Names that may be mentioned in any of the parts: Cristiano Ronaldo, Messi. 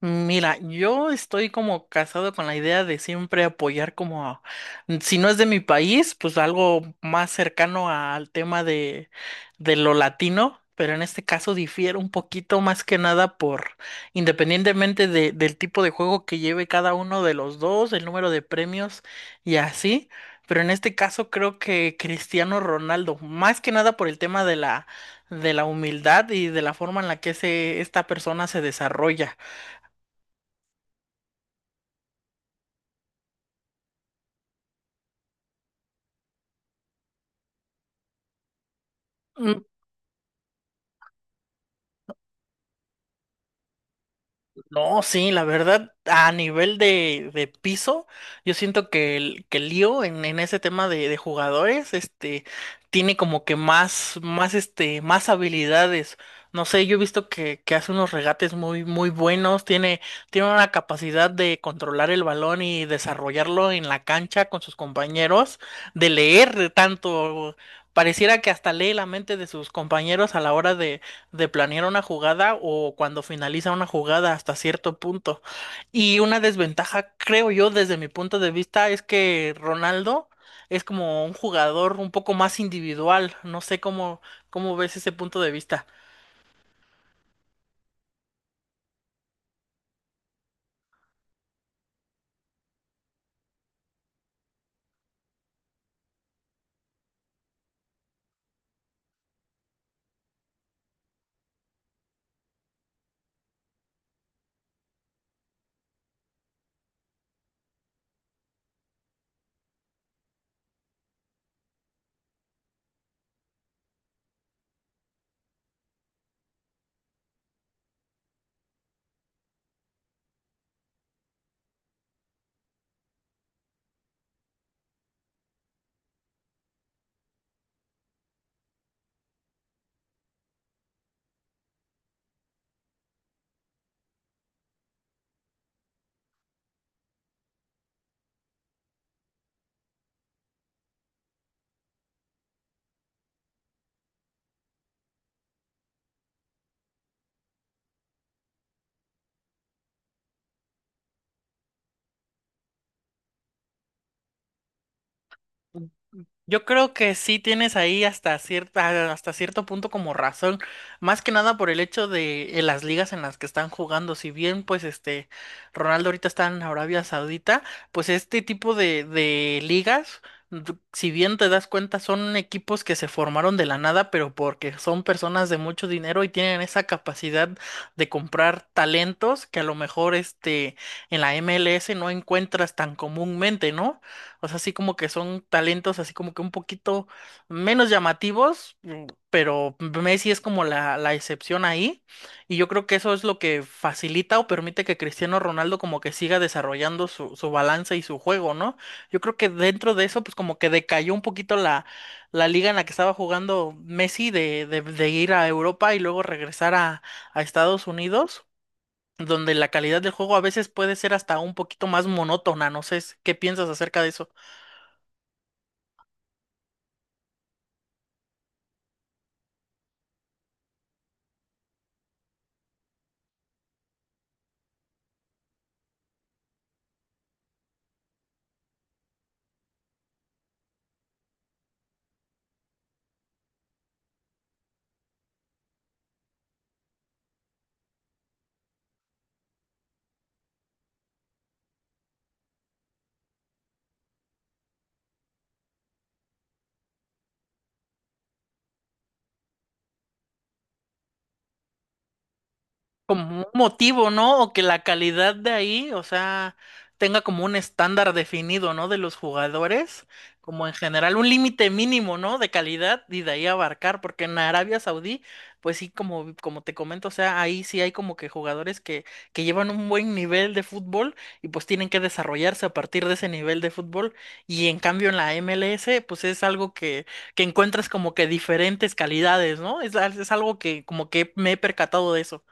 Mira, yo estoy como casado con la idea de siempre apoyar como, a- si no es de mi país, pues algo más cercano al tema de lo latino, pero en este caso difiere un poquito más que nada por, independientemente de- del tipo de juego que lleve cada uno de los dos, el número de premios y así, pero en este caso creo que Cristiano Ronaldo, más que nada por el tema de de la humildad y de la forma en la que se, esta persona se desarrolla. No, sí, la verdad, a nivel de piso, yo siento que que el lío en ese tema de jugadores, tiene como que más, más habilidades. No sé, yo he visto que hace unos regates muy, muy buenos, tiene, tiene una capacidad de controlar el balón y desarrollarlo en la cancha con sus compañeros, de leer tanto, pareciera que hasta lee la mente de sus compañeros a la hora de planear una jugada o cuando finaliza una jugada hasta cierto punto. Y una desventaja, creo yo, desde mi punto de vista, es que Ronaldo es como un jugador un poco más individual. No sé cómo, cómo ves ese punto de vista. Yo creo que sí tienes ahí hasta cierta, hasta cierto punto como razón, más que nada por el hecho de las ligas en las que están jugando. Si bien, pues, este, Ronaldo ahorita está en Arabia Saudita, pues este tipo de ligas, d- si bien te das cuenta, son equipos que se formaron de la nada, pero porque son personas de mucho dinero y tienen esa capacidad de comprar talentos que a lo mejor, este, en la MLS no encuentras tan comúnmente, ¿no? O sea, así como que son talentos así como que un poquito menos llamativos, pero Messi es como la excepción ahí. Y yo creo que eso es lo que facilita o permite que Cristiano Ronaldo como que siga desarrollando su, su balance y su juego, ¿no? Yo creo que dentro de eso, pues como que decayó un poquito la, la liga en la que estaba jugando Messi de ir a Europa y luego regresar a Estados Unidos, donde la calidad del juego a veces puede ser hasta un poquito más monótona, no sé qué piensas acerca de eso. Como un motivo, ¿no? O que la calidad de ahí, o sea, tenga como un estándar definido, ¿no? De los jugadores, como en general, un límite mínimo, ¿no? De calidad y de ahí abarcar, porque en Arabia Saudí, pues sí, como, como te comento, o sea, ahí sí hay como que jugadores que llevan un buen nivel de fútbol y pues tienen que desarrollarse a partir de ese nivel de fútbol. Y en cambio en la MLS, pues es algo que encuentras como que diferentes calidades, ¿no? Es algo que como que me he percatado de eso.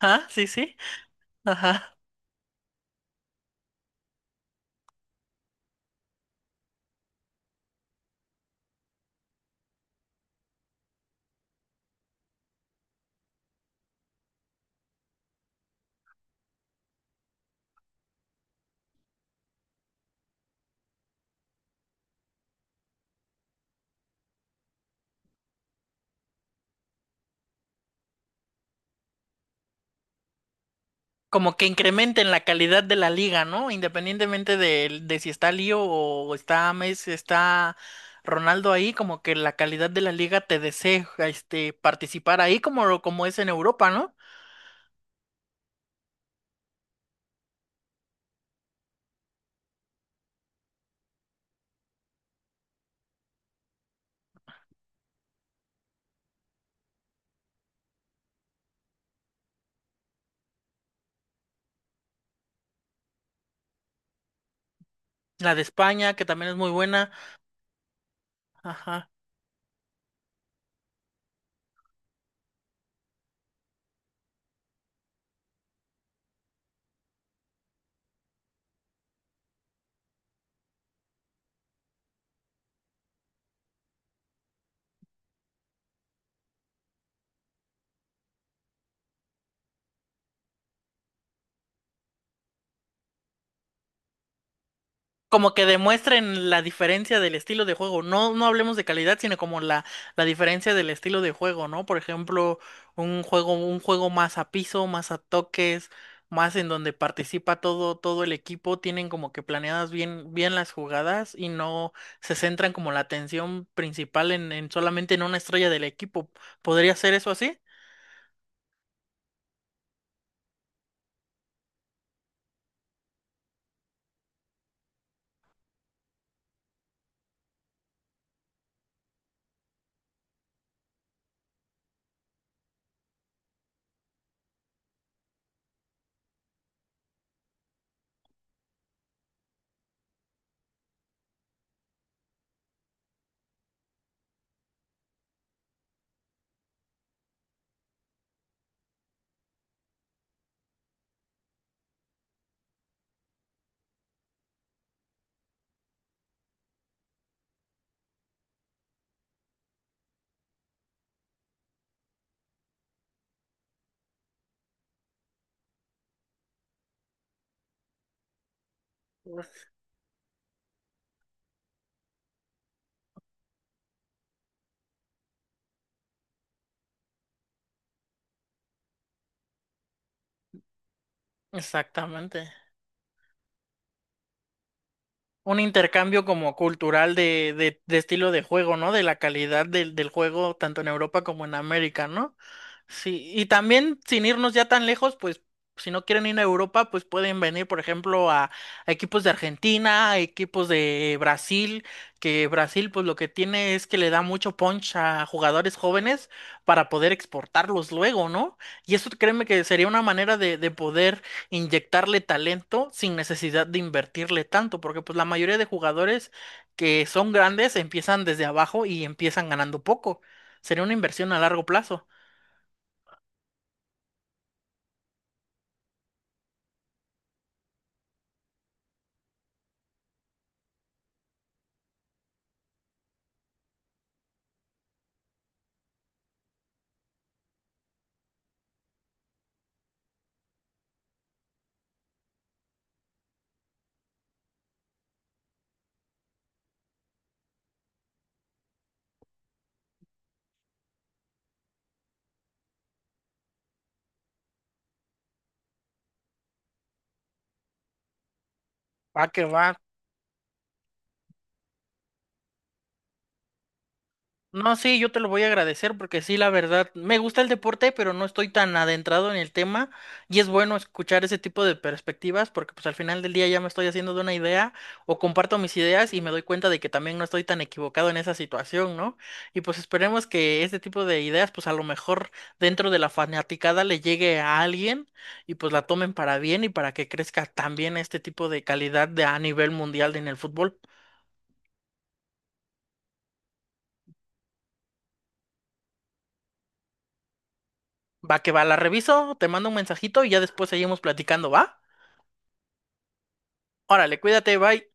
Ah, sí, sí. Ajá. Como que incrementen la calidad de la liga, ¿no? Independientemente de si está Lío o está Messi, está Ronaldo ahí, como que la calidad de la liga te desee participar ahí, como, como es en Europa, ¿no? La de España, que también es muy buena. Ajá. Como que demuestren la diferencia del estilo de juego. No, no hablemos de calidad, sino como la diferencia del estilo de juego, ¿no? Por ejemplo, un juego más a piso, más a toques, más en donde participa todo, todo el equipo, tienen como que planeadas bien, bien las jugadas y no se centran como la atención principal en solamente en una estrella del equipo. ¿Podría ser eso así? Uf. Exactamente. Un intercambio como cultural de estilo de juego, ¿no? De la calidad del, del juego tanto en Europa como en América, ¿no? Sí, y también sin irnos ya tan lejos, pues si no quieren ir a Europa, pues pueden venir, por ejemplo, a equipos de Argentina, a equipos de Brasil, que Brasil pues lo que tiene es que le da mucho punch a jugadores jóvenes para poder exportarlos luego, ¿no? Y eso créeme que sería una manera de poder inyectarle talento sin necesidad de invertirle tanto, porque pues la mayoría de jugadores que son grandes empiezan desde abajo y empiezan ganando poco. Sería una inversión a largo plazo. Va que va. No, sí, yo te lo voy a agradecer porque sí, la verdad, me gusta el deporte, pero no estoy tan adentrado en el tema y es bueno escuchar ese tipo de perspectivas porque pues al final del día ya me estoy haciendo de una idea o comparto mis ideas y me doy cuenta de que también no estoy tan equivocado en esa situación, ¿no? Y pues esperemos que este tipo de ideas pues a lo mejor dentro de la fanaticada le llegue a alguien y pues la tomen para bien y para que crezca también este tipo de calidad de, a nivel mundial en el fútbol. Va que va, la reviso, te mando un mensajito y ya después seguimos platicando, ¿va? Órale, cuídate, bye.